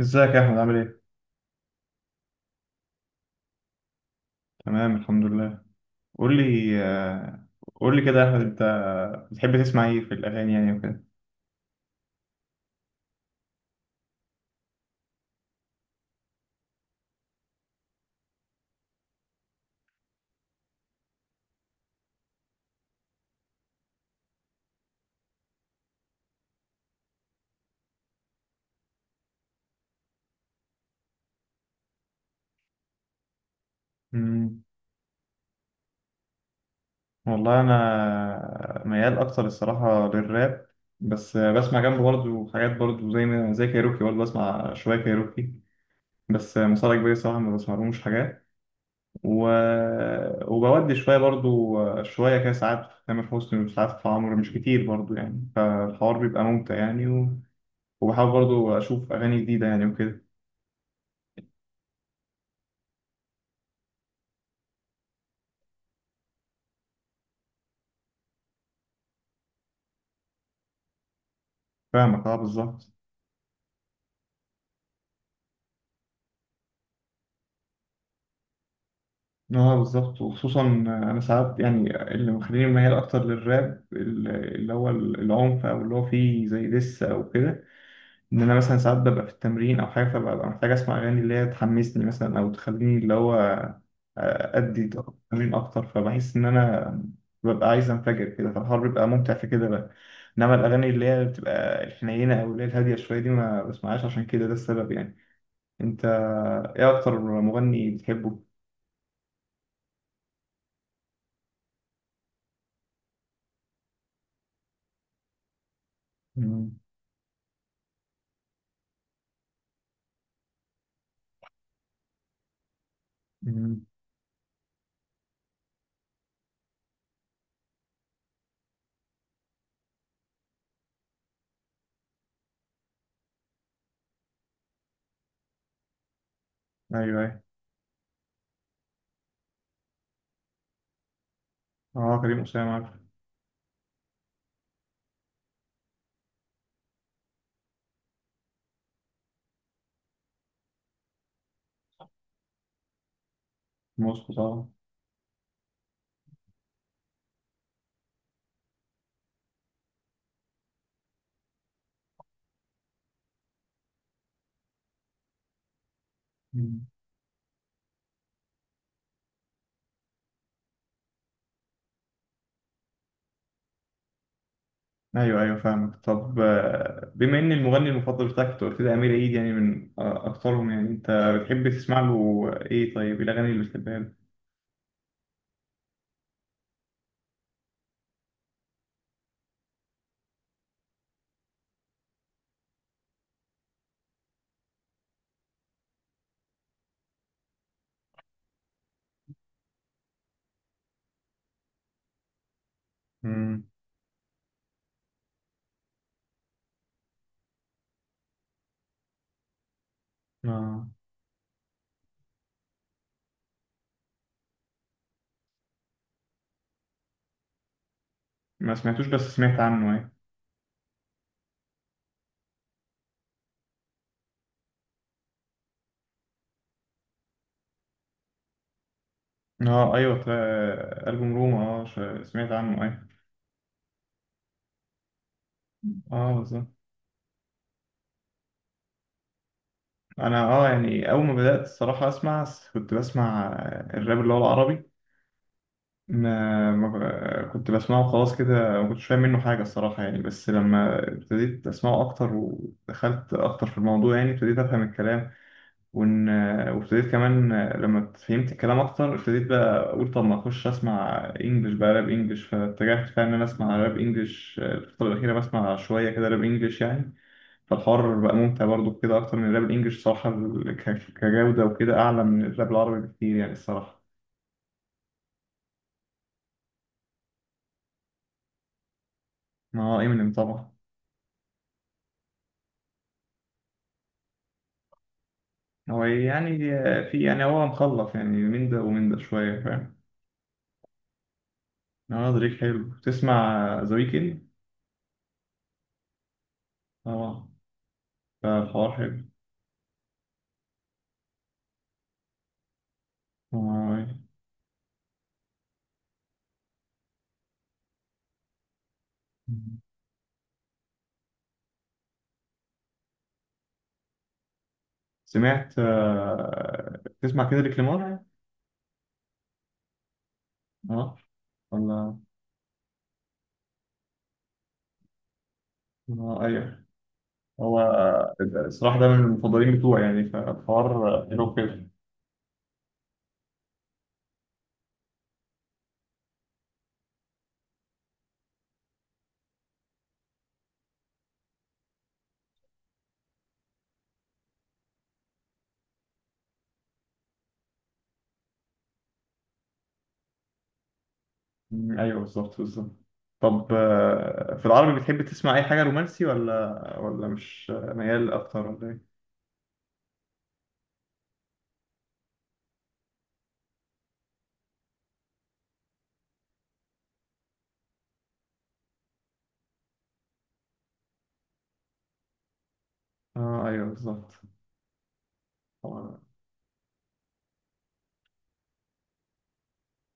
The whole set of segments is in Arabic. ازيك يا احمد عامل ايه؟ تمام الحمد لله. قول لي قول لي كده يا احمد، انت بتحب تسمع ايه في الاغاني يعني وكده؟ مم، والله انا ميال اكتر الصراحه للراب، بس بسمع جنبه برضه حاجات برضه زي ما زي كايروكي، برضه بسمع شويه كايروكي. بس مصاري كبير الصراحه ما بسمعلهمش حاجات، و... وبودي شويه برضه، شويه كده ساعات في تامر حسني وساعات في عمرو، مش كتير برضه يعني، فالحوار بيبقى ممتع يعني. وبحاول برضه اشوف اغاني جديده يعني وكده. فاهمك، اه بالظبط. اه بالظبط. وخصوصا انا ساعات يعني، اللي مخليني ميال اكتر للراب اللي هو العنف او اللي هو فيه زي دس او كده. انا مثلا ساعات ببقى في التمرين او حاجه، فببقى محتاج اسمع اغاني اللي هي تحمسني مثلا، او تخليني اللي هو ادي طاقة التمرين اكتر، فبحس ان انا ببقى عايز انفجر كده، فالحوار بيبقى ممتع في كده بقى. انما الاغاني اللي هي بتبقى الحنينه او اللي هي الهاديه شويه دي، ما بسمعهاش، عشان كده ده السبب يعني. انت ايه اكتر مغني بتحبه؟ مم. ايوه ايوه. اه كريم اسامه عارف. موسكو طبعا. مم. ايوه ايوه فاهمك. طب بما ان المغني المفضل بتاعك أنت قلت لي امير عيد يعني، من اكثرهم يعني، انت بتحب تسمع له ايه؟ طيب إيه الاغاني اللي بتحبها له؟ مم. اه. ما سمعتوش بس سمعت عنه، ايه؟ اه ايوه طيب. البوم روما، اه، سمعت عنه، ايه؟ اه بالظبط. انا اه يعني اول ما بدات الصراحه اسمع، كنت بسمع الراب اللي هو العربي. ما ما ب- كنت بسمعه خلاص كده، ما كنتش فاهم منه حاجة الصراحة يعني، بس لما ابتديت أسمعه أكتر ودخلت أكتر في الموضوع يعني ابتديت أفهم الكلام. وإن، وابتديت كمان لما فهمت الكلام أكتر، ابتديت بقى أقول طب ما أخش أسمع إنجلش بقى، راب إنجلش، فاتجهت فعلا إن أنا أسمع راب إنجلش الفترة الأخيرة، بسمع شوية كده راب إنجلش يعني. فالحوار بقى ممتع برضو كده، أكتر من الراب الإنجلش صراحة، كجودة وكده، أعلى من الراب العربي بكتير يعني الصراحة. ما هو إمينيم طبعا. هو يعني، في يعني هو مخلط يعني، من ده ومن ده شوية، فاهم. اه دريك حلو. تسمع ذا ويكند؟ اه. فالحوار حلو. آه. سمعت، تسمع كندريك لامار؟ اه. ولا، ايوه. هو الصراحة ده من المفضلين بتوعي يعني، فالحوار حلو كده. ايوه بالظبط بالظبط. طب في العربي بتحب تسمع اي حاجة رومانسي، ولا ولا مش ميال اكتر، ولا ايه؟ اه ايوه بالظبط.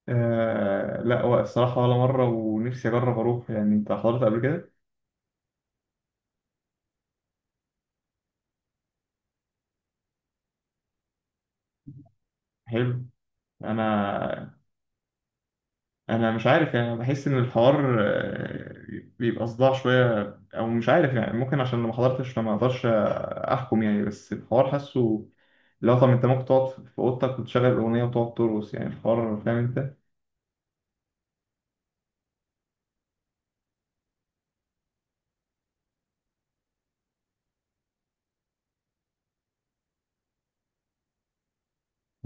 آه لا، هو الصراحة ولا مرة، ونفسي أجرب أروح يعني. أنت حضرت قبل كده؟ حلو. أنا، أنا مش عارف يعني، بحس إن الحوار بيبقى صداع شوية، أو مش عارف يعني، ممكن عشان ما حضرتش، فما أقدرش أحكم يعني، بس الحوار حاسه. لو طب أنت ممكن تقعد في أوضتك وتشغل الأغنية وتقعد ترقص يعني، الحوار فاهم أنت؟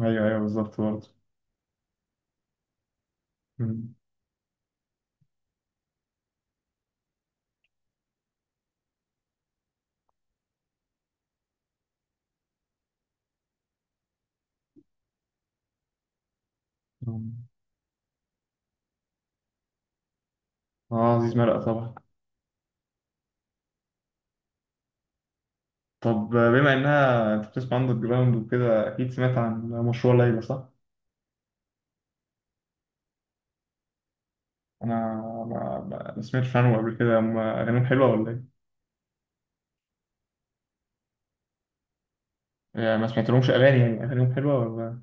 أيوه أيوه بالظبط برضه. مم. آه عزيز مرقة طبعا. طب بما إنها أنت بتسمع عندك جراوند وكده، أكيد سمعت عن مشروع ليلى، صح؟ انا ما سمعتش عنهم قبل كده، هم اغانيهم حلوه ولا ايه؟ يعني ما سمعتلهمش اغاني يعني، اغانيهم حلوه ولا؟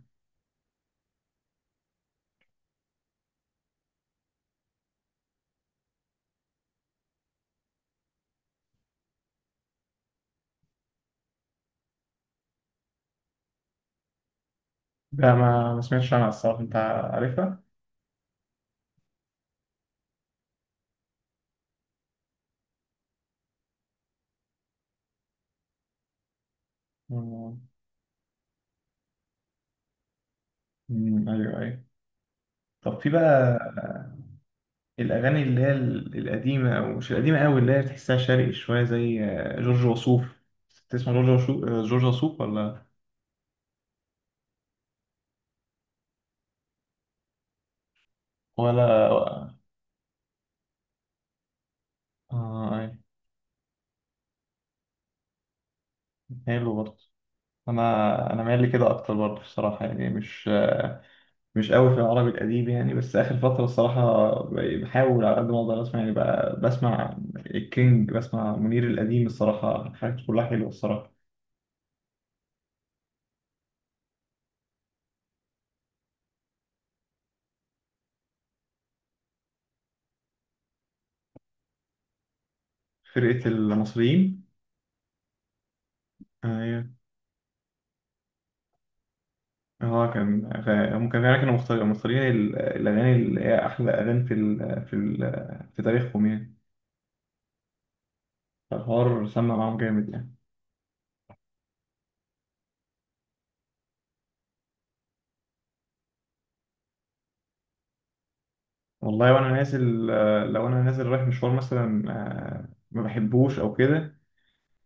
لا ما سمعتش عنها الصراحه. انت عارفها؟ مم. مم، ايوه ايوه. طب في بقى الاغاني اللي هي القديمه، او مش القديمه قوي، اللي هي تحسها شرقي شويه، زي جورج وسوف. تسمع جورج وسوف، جورج وسوف ولا؟ ولا. اه ايوه. حلو برضه. انا انا مايل لي كده اكتر برضه الصراحه يعني، مش مش قوي في العربي الأديب يعني. بس آخر فترة الصراحة بحاول على قد ما أقدر أسمع يعني، بقى بسمع الكينج، بسمع منير القديم الصراحة، حاجات كلها حلوة الصراحة. فرقة المصريين. أيوة. هو كان، هم كانوا فعلا كانوا مختارين الأغاني اللي هي أحلى أغاني في في تاريخهم يعني. فالحوار سمع معاهم جامد يعني. والله وأنا نازل، لو أنا نازل رايح مشوار مثلا، ما بحبوش أو كده،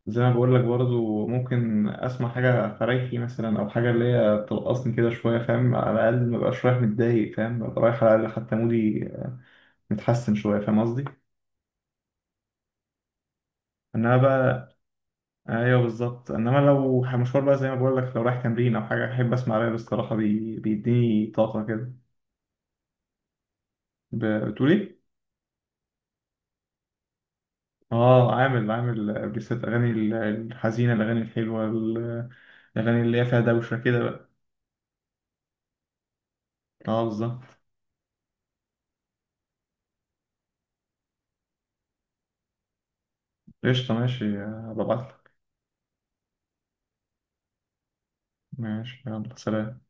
زي ما بقول لك برضو، ممكن اسمع حاجه فريحي مثلا، او حاجه اللي هي ترقصني كده شويه، فاهم؟ على الاقل ما بقاش رايح متضايق، فاهم؟ ابقى رايح على الاقل حتى مودي متحسن شويه، فاهم قصدي؟ انما بقى، ايوه بالظبط. انما لو مشوار بقى، زي ما بقول لك، لو رايح تمرين او حاجه، احب اسمع راب الصراحه، بيديني طاقه كده. بتقول ايه؟ اه عامل، عامل بيست اغاني الحزينه، الاغاني الحلوه، الاغاني اللي هي فيها دوشه كده بقى. اه بالظبط. قشطه ماشي، هبقى ابعتلك. ماشي يلا سلام.